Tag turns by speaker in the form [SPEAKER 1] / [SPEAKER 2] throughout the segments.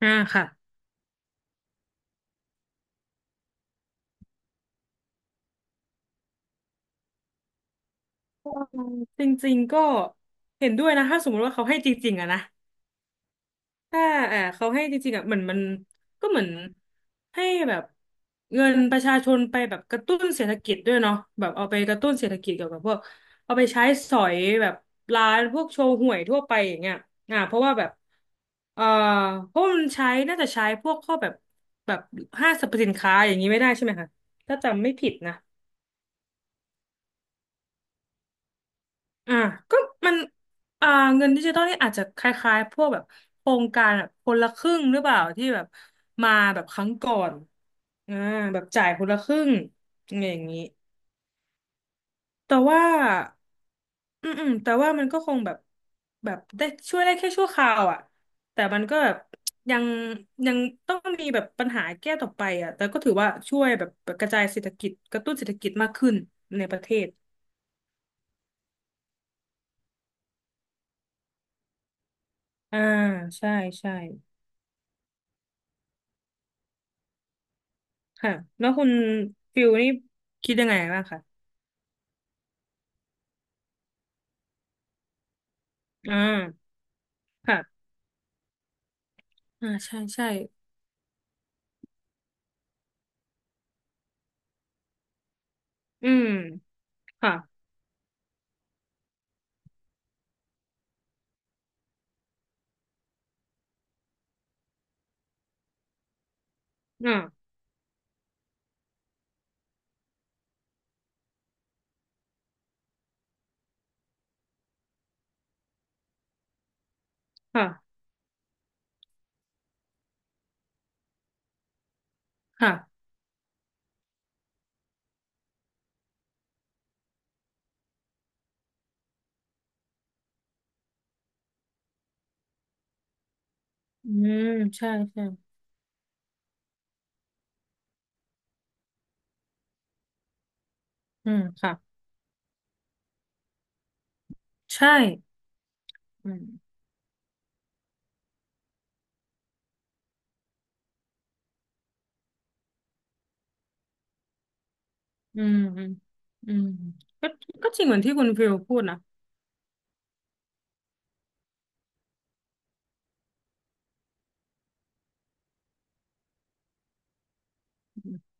[SPEAKER 1] อ่าค่ะจริงๆก็เห็นด้วยนะถ้าสมมติว่าเขาให้จริงๆอะนะถ้าเออเขาให้จริงๆอะเหมือนมันก็เหมือนให้แบบเงินประชาชนไปแบบกระตุ้นเศรษฐกิจด้วยเนาะแบบเอาไปกระตุ้นเศรษฐกิจเกี่ยวกับพวกเอาไปใช้สอยแบบร้านพวกโชว์ห่วยทั่วไปอย่างเงี้ยอ่าเพราะว่าแบบเออเพราะมันใช้น่าจะใช้พวกข้อแบบแบบห้างสรรพสินค้าอย่างนี้ไม่ได้ใช่ไหมคะถ้าจำไม่ผิดนะ อ่าก็มันอ่าเงินดิจิตอลนี่อาจจะคล้ายๆพวกแบบโครงการแบบคนละครึ่งหรือเปล่าที่แบบมาแบบครั้งก่อนอ่าแบบจ่ายคนละครึ่งอะไรอย่างนี้แต่ว่าอืมอืมแต่ว่ามันก็คงแบบแบบได้ช่วยได้แค่ชั่วคราวอ่ะแต่มันก็แบบยังยังต้องมีแบบปัญหาแก้ต่อไปอ่ะแต่ก็ถือว่าช่วยแบบกระจายเศรษฐกิจกระตุ้นเศรษฐกิจมากขึ้นในประเทศอ่าใช่ใช่ ค่ะแล้วคุณฟิลนี่คิดยังไงบ้างคะอ่าค่ะอ่าใช่ใช่อืมค่ะอ่าค่ะค่ะอืมใช่ใช่อืมค่ะใช่อืมอืมอืมอืมก็ก็จริงเหมือนที่คุณฟิลพูดนะอืม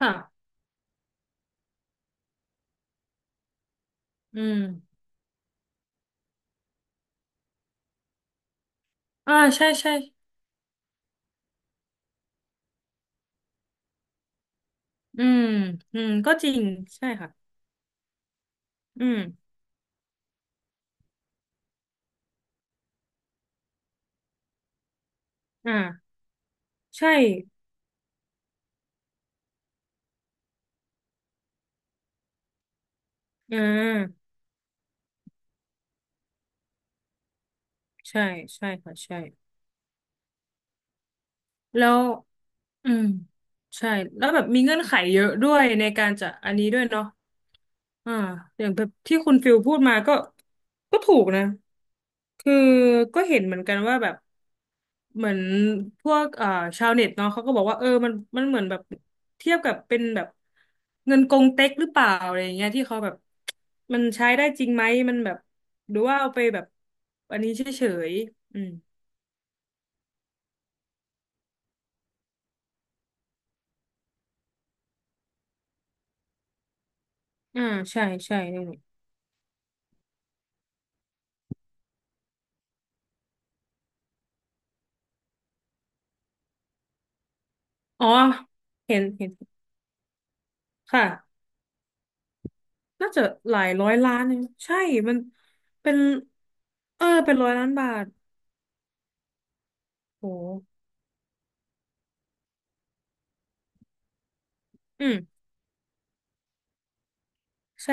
[SPEAKER 1] ค่ะอืมอ่าใช่ใช่อืมอืมก็จริงใช่ค่ะอืมอ่าใช่อ่าใช่ใช่ค่ะใช่แล้ว อืมใช่แล้วแบบมีเงื่อนไขเยอะด้วยในการจะอันนี้ด้วยเนาะอ่าอย่างแบบที่คุณฟิลพูดมาก็ก็ถูกนะคือก็เห็นเหมือนกันว่าแบบเหมือนพวกชาวเน็ตเนาะเขาก็บอกว่าเออมันมันเหมือนแบบเทียบกับเป็นแบบเงินกงเต็กหรือเปล่าอะไรอย่างเงี้ยที่เขาแบบมันใช้ได้จริงไหมมันแบบหรือว่าเอาไปแบบอันนี้เฉยๆอืมอ่าใช่ใช่นี่นแหละอ๋อเห็นเห็นค่ะ น่าจะหลายร้อยล้านเองใช่ มันเป็นเออเป็นร้อยล้านบาทโหอืมใช่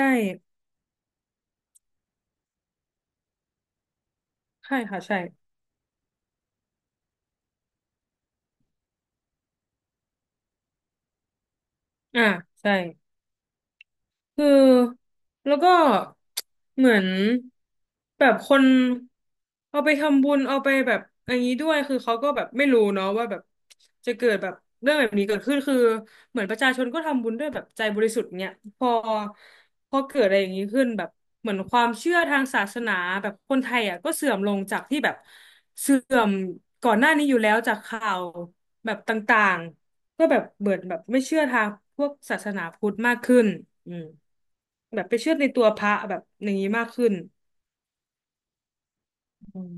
[SPEAKER 1] ใช่ค่ะใช่อ่าใช่ คือแล้วก็เหมือนแบบคนเอาไปทำบุญเอาไปแบบอย่างนี้ด้วยคือเขาก็แบบไม่รู้เนาะว่าแบบจะเกิดแบบเรื่องแบบนี้เกิดขึ้นคือเหมือนประชาชนก็ทำบุญด้วยแบบใจบริสุทธิ์เนี่ยพอพอเกิดอะไรอย่างนี้ขึ้นแบบเหมือนความเชื่อทางศาสนาแบบคนไทยอ่ะก็เสื่อมลงจากที่แบบเสื่อมก่อนหน้านี้อยู่แล้วจากข่าวแบบต่างๆ ก็แบบเบิดแบบไม่เชื่อทางพวกศาสนาพุทธมากขึ้นอืมแบบไปเชื่อในตัวพระแบบอย่างนี้มากขึ้นอืม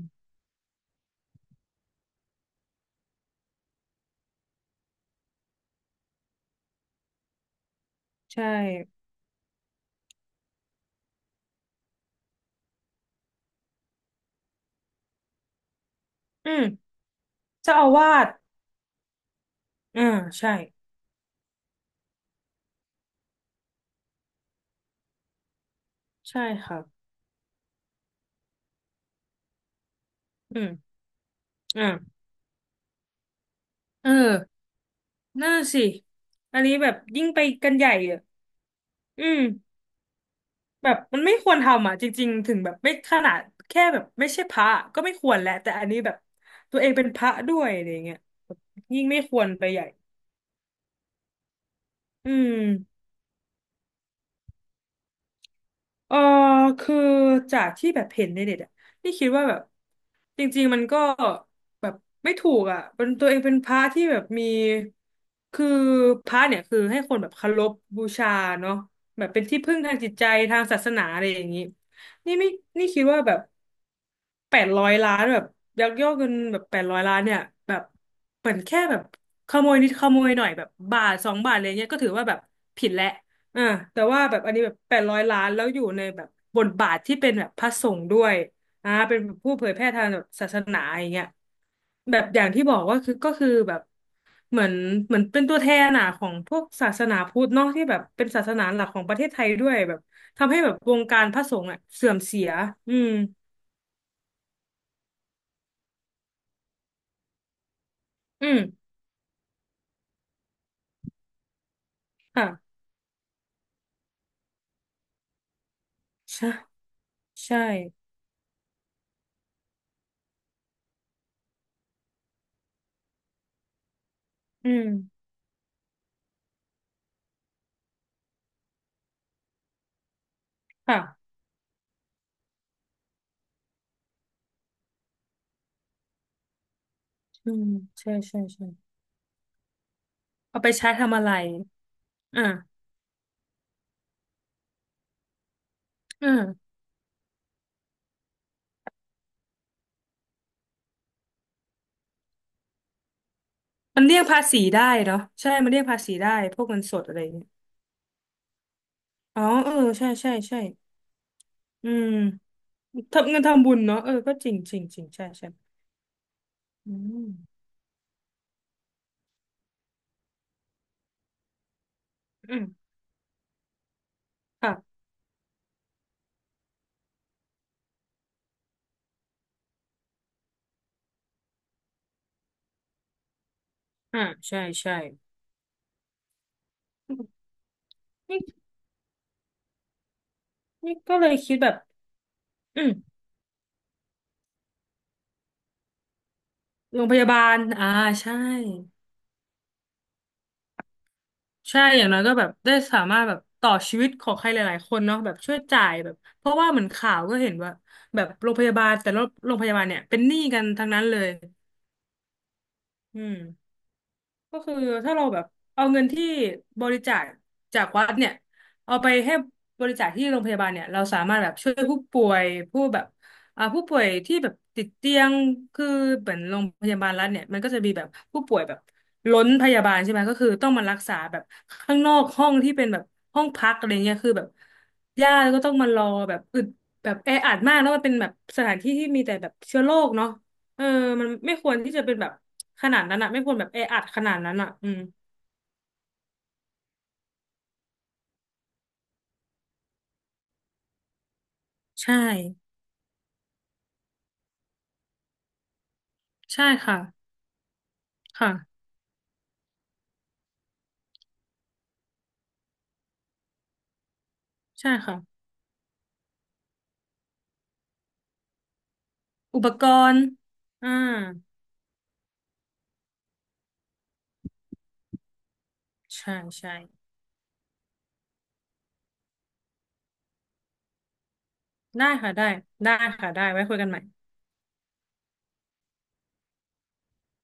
[SPEAKER 1] ใช่อืมเจ้าอาวาสอ่าใช่ใช่ค่ะอืมอ่าเออนั่นสิอันนี้แบบยิ่งไปกันใหญ่อ่ะอืมแบบมันไม่ควรทำอ่ะจริงๆถึงแบบไม่ขนาดแค่แบบไม่ใช่พระก็ไม่ควรแหละแต่อันนี้แบบตัวเองเป็นพระด้วยอะไรเงี้ยแบบยิ่งไม่ควรไปใหญ่อืม เออคือจากที่แบบเห็นในเน็ตอ่ะนี่คิดว่าแบบจริงๆมันก็แบบไม่ถูกอ่ะเป็นตัวเองเป็นพระที่แบบมีคือพระเนี่ยคือให้คนแบบเคารพบูชาเนาะแบบเป็นที่พึ่งทางจิตใจทางศาสนาอะไรอย่างนี้นี่ไม่นี่คิดว่าแบบแปดร้อยล้านแบบยักยอกเงินแบบแปดร้อยล้านเนี่ยแบบเหมือนแค่แบบขโมยนิดขโมยหน่อยแบบบาทสองบาทอะไรเงี้ยก็ถือว่าแบบผิดแล้ว อ่าแต่ว่าแบบอันนี้แบบแปดร้อยล้านแล้วอยู่ในแบบบทบาทที่เป็นแบบพระสงฆ์ด้วยอ่าเป็นแบบผู้เผยแพร่ทางแบบศาสนาอย่างเงี้ยแบบอย่างที่บอกว่าคือก็คือแบบเหมือนเหมือนเป็นตัวแทนอ่ะของพวกศาสนาพุทธเนอะที่แบบเป็นศาสนาหลักของประเทศไทยด้วยแบบทำให้แบบวงการพระสงฆ์อ่ะเสื่อมเสียอืมอืมค่ะใช่ใช่อืมค่ะอืมใช่ใช่ใช่เอาไปใช้ทำอะไรอ่าอืม มันเรียกภาษีได้เนาะใช่มันเรียกภาษีได้พวกเงินสดอะไรอย่างเงี้ยอ๋อเออใช่ใช่ใช่อืมทำเงินทำบุญเนาะเออก็จริงจริงจริงใช่ใช่อืมอืมค่ะอ่าใช่ใช่นี่ก็เลยคิดแบบอืมโรงพยาบาลอ่าใช่ใช่อย่างน้อยก็แบบได้สามารถแบบต่อชีวิตของใครหลายๆคนเนาะแบบช่วยจ่ายแบบเพราะว่าเหมือนข่าวก็เห็นว่าแบบโรงพยาบาลแต่ละโรงพยาบาลเนี่ยเป็นหนี้กันทั้งนั้นเลยอืม ก็คือถ้าเราแบบเอาเงินที่บริจาคจากวัดเนี่ยเอาไปให้บริจาคที่โรงพยาบาลเนี่ยเราสามารถแบบช่วยผู้ป่วยผู้แบบอ่าผู้ป่วยที่แบบติดเตียงคือเหมือนโรงพยาบาลรัฐเนี่ยมันก็จะมีแบบผู้ป่วยแบบล้นพยาบาลใช่ไหมก็คือต้องมารักษาแบบข้างนอกห้องที่เป็นแบบห้องพักอะไรเงี้ยคือแบบญาติก็ต้องมารอแบบอึดแบบแออัดมากแล้วมันเป็นแบบสถานที่ที่มีแต่แบบเชื้อโรคเนาะ เออมันไม่ควรที่จะเป็นแบบขนาดนั้นอ่ะไม่ควรแบบแออัดขนาดนั้นอ่ะอืมใช่ใช่ค่ะค่ะใช่ค่ะอุปกรณ์อ่าใช่ใช่ได้ค่ะได้ได้ค่ะได้ไว้คุยกันใหม่